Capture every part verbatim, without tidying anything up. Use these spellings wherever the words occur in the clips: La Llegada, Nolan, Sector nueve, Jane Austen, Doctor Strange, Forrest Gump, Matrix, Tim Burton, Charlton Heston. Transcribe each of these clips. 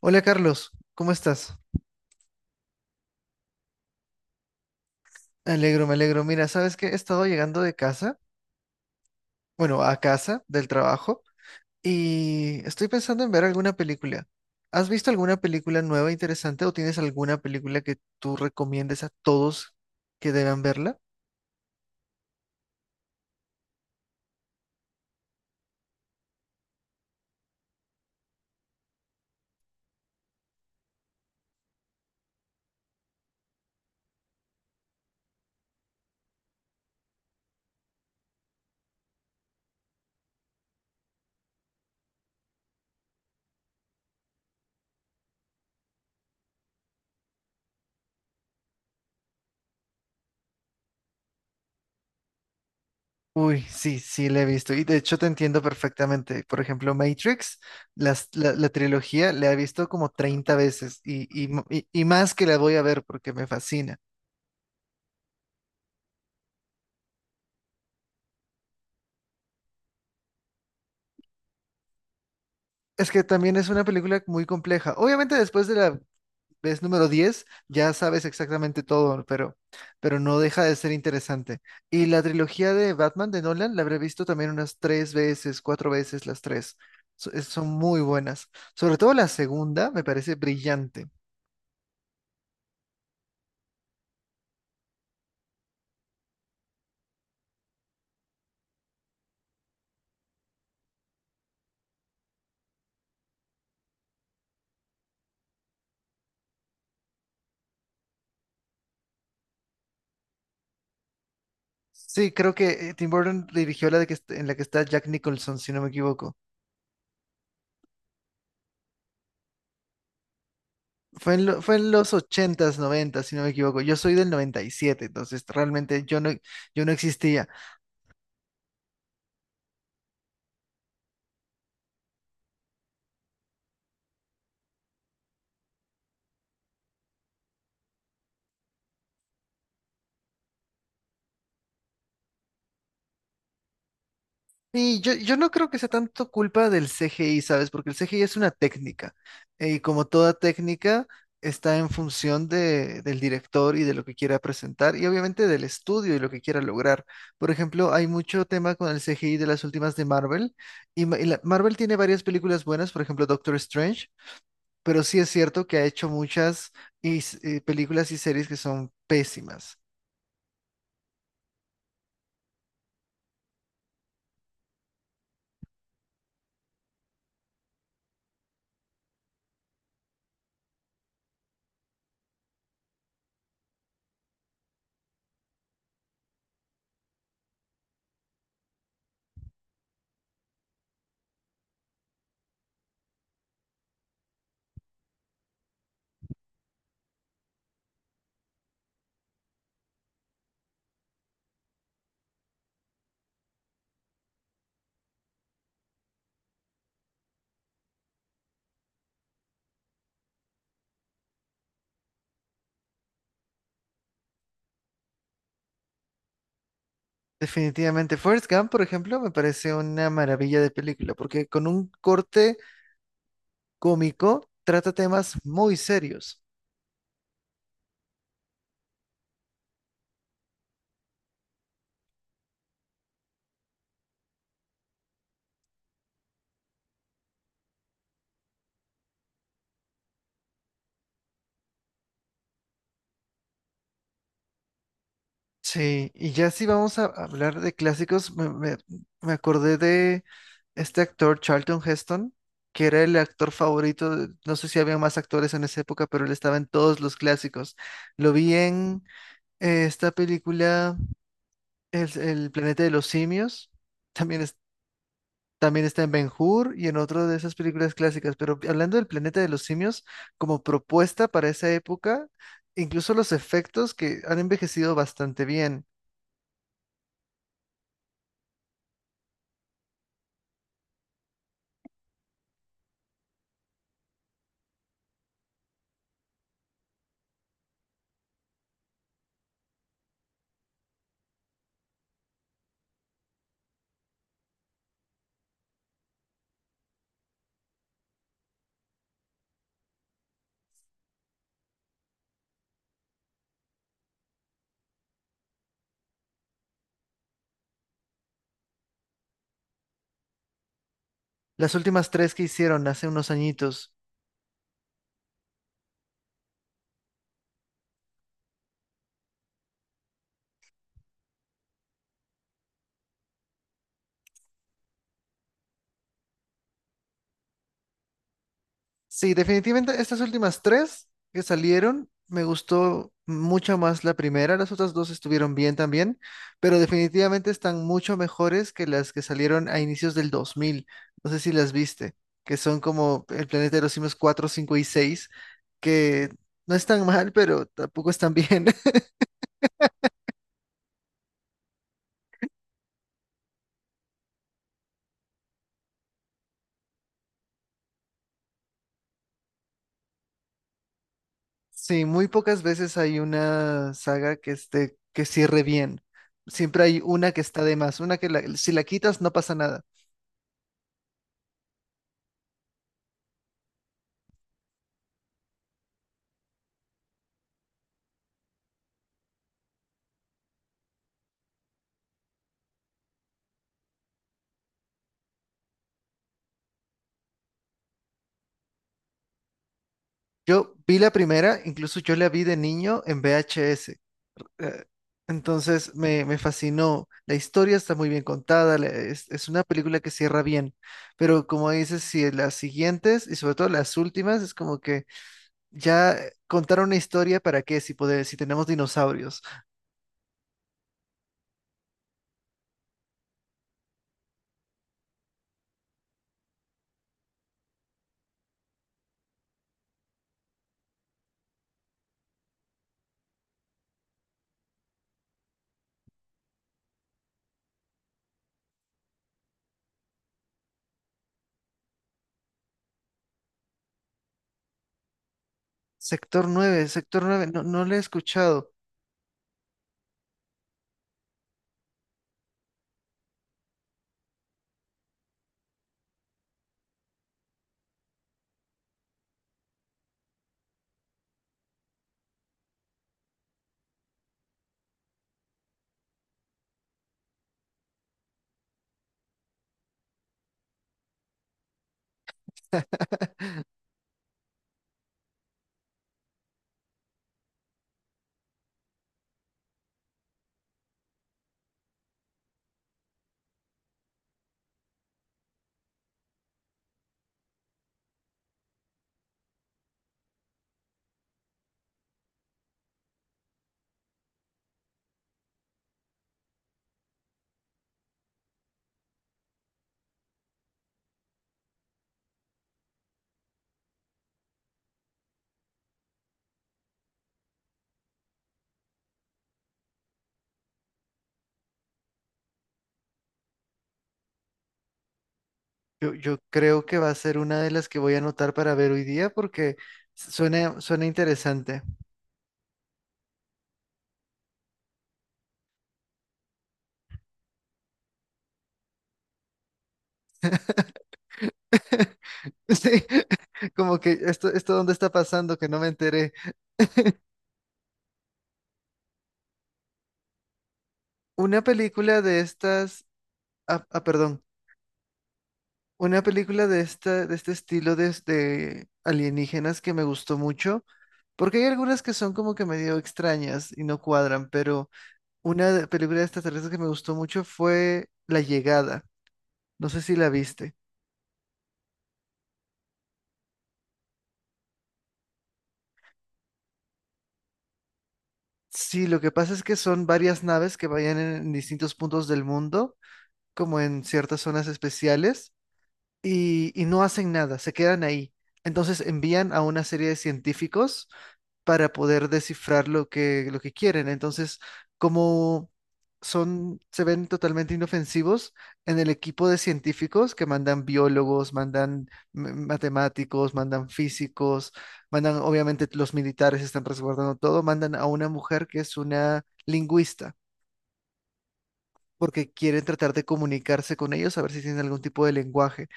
Hola Carlos, ¿cómo estás? Me alegro, me alegro. Mira, ¿sabes qué? He estado llegando de casa, bueno, a casa del trabajo, y estoy pensando en ver alguna película. ¿Has visto alguna película nueva interesante o tienes alguna película que tú recomiendes a todos que deban verla? Uy, sí, sí, la he visto. Y de hecho te entiendo perfectamente. Por ejemplo, Matrix, las- la, la trilogía, la he visto como treinta veces y, y y- y más que la voy a ver porque me fascina. Es que también es una película muy compleja. Obviamente después de la vez número diez ya sabes exactamente todo, pero, pero no deja de ser interesante. Y la trilogía de Batman de Nolan la habré visto también unas tres veces, cuatro veces, las tres. So- es- Son muy buenas. Sobre todo la segunda me parece brillante. Sí, creo que eh, Tim Burton dirigió la de que, est- en la que está Jack Nicholson, si no me equivoco. Fue en, lo- fue en los ochentas s si no me equivoco. Yo soy del noventa y siete, entonces realmente yo no, yo no existía. Sí, yo, yo no creo que sea tanto culpa del C G I, ¿sabes? Porque el C G I es una técnica. eh, Y como toda técnica, está en función de, del director y de lo que quiera presentar, y obviamente del estudio y lo que quiera lograr. Por ejemplo, hay mucho tema con el C G I de las últimas de Marvel. Y, ma- y la- Marvel tiene varias películas buenas, por ejemplo, Doctor Strange, pero sí es cierto que ha hecho muchas y s- eh, películas y series que son pésimas. Definitivamente. Forrest Gump, por ejemplo, me parece una maravilla de película, porque con un corte cómico trata temas muy serios. Sí, y ya si vamos a hablar de clásicos, me, me- me acordé de este actor Charlton Heston, que era el actor favorito. De- no sé si había más actores en esa época, pero él estaba en todos los clásicos. Lo vi en eh, esta película, El, El planeta de los simios. también es- También está en Ben-Hur y en otro de esas películas clásicas, pero hablando del planeta de los simios, como propuesta para esa época, incluso los efectos que han envejecido bastante bien. Las últimas tres que hicieron hace unos añitos. Sí, definitivamente estas últimas tres que salieron, me gustó mucho más la primera, las otras dos estuvieron bien también, pero definitivamente están mucho mejores que las que salieron a inicios del dos mil, no sé si las viste, que son como El planeta de los simios cuatro, cinco y seis, que no están mal, pero tampoco están bien. Sí, muy pocas veces hay una saga que esté, que cierre bien. Siempre hay una que está de más, una que la- si la quitas no pasa nada. Yo vi la primera, incluso yo la vi de niño en V H S. eh, Entonces me, me fascinó. La historia está muy bien contada, la- es, es una película que cierra bien, pero como dices, si las siguientes y sobre todo las últimas es como que ya contaron una historia para qué, si poder, si tenemos dinosaurios. Sector nueve, Sector nueve. No, no la he escuchado. Yo, yo creo que va a ser una de las que voy a anotar para ver hoy día, porque suena, suena interesante. Sí, como que esto, esto dónde está pasando que no me enteré. Una película de estas, Ah, ah, perdón, una película de esta, de este estilo de, de alienígenas que me gustó mucho, porque hay algunas que son como que medio extrañas y no cuadran, pero una de- película de extraterrestres que me gustó mucho fue La Llegada. No sé si la viste. Sí, lo que pasa es que son varias naves que vayan en en distintos puntos del mundo, como en ciertas zonas especiales, y, y no hacen nada, se quedan ahí. Entonces envían a una serie de científicos para poder descifrar lo que, lo que quieren. Entonces, como son, se ven totalmente inofensivos, en el equipo de científicos que mandan biólogos, mandan m- matemáticos, mandan físicos, mandan, obviamente los militares están resguardando todo, mandan a una mujer que es una lingüista, porque quieren tratar de comunicarse con ellos, a ver si tienen algún tipo de lenguaje.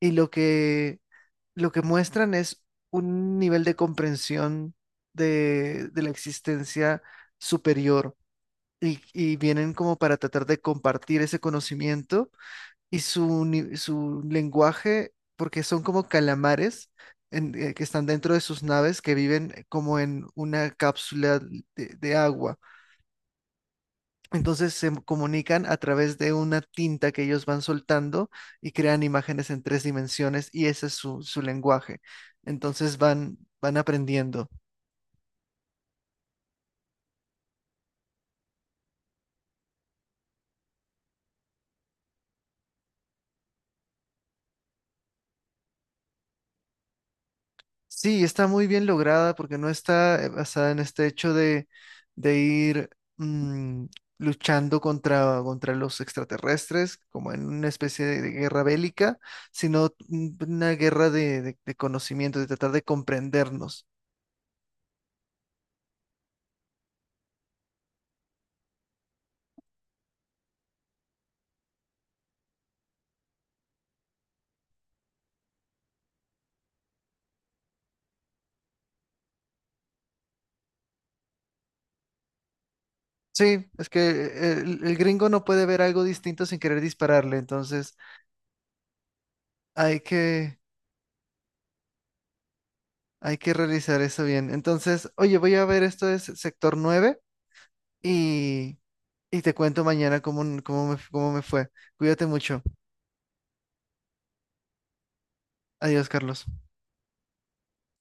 Y lo que lo que muestran es un nivel de comprensión de, de la existencia superior, y, y vienen como para tratar de compartir ese conocimiento y su, ni- su lenguaje, porque son como calamares, en- eh, que están dentro de sus naves, que viven como en una cápsula de de agua. Entonces se comunican a través de una tinta que ellos van soltando y crean imágenes en tres dimensiones, y ese es su, su lenguaje. Entonces van, van aprendiendo. Sí, está muy bien lograda porque no está eh, basada en este hecho de, de ir, mm, luchando contra contra los extraterrestres, como en una especie de de guerra bélica, sino, mm, una guerra de, de de conocimiento, de tratar de comprendernos. Sí, es que el, el gringo no puede ver algo distinto sin querer dispararle, entonces hay que, hay que realizar eso bien. Entonces, oye, voy a ver esto, es Sector nueve, y, y te cuento mañana cómo, cómo me, cómo me fue. Cuídate mucho. Adiós, Carlos.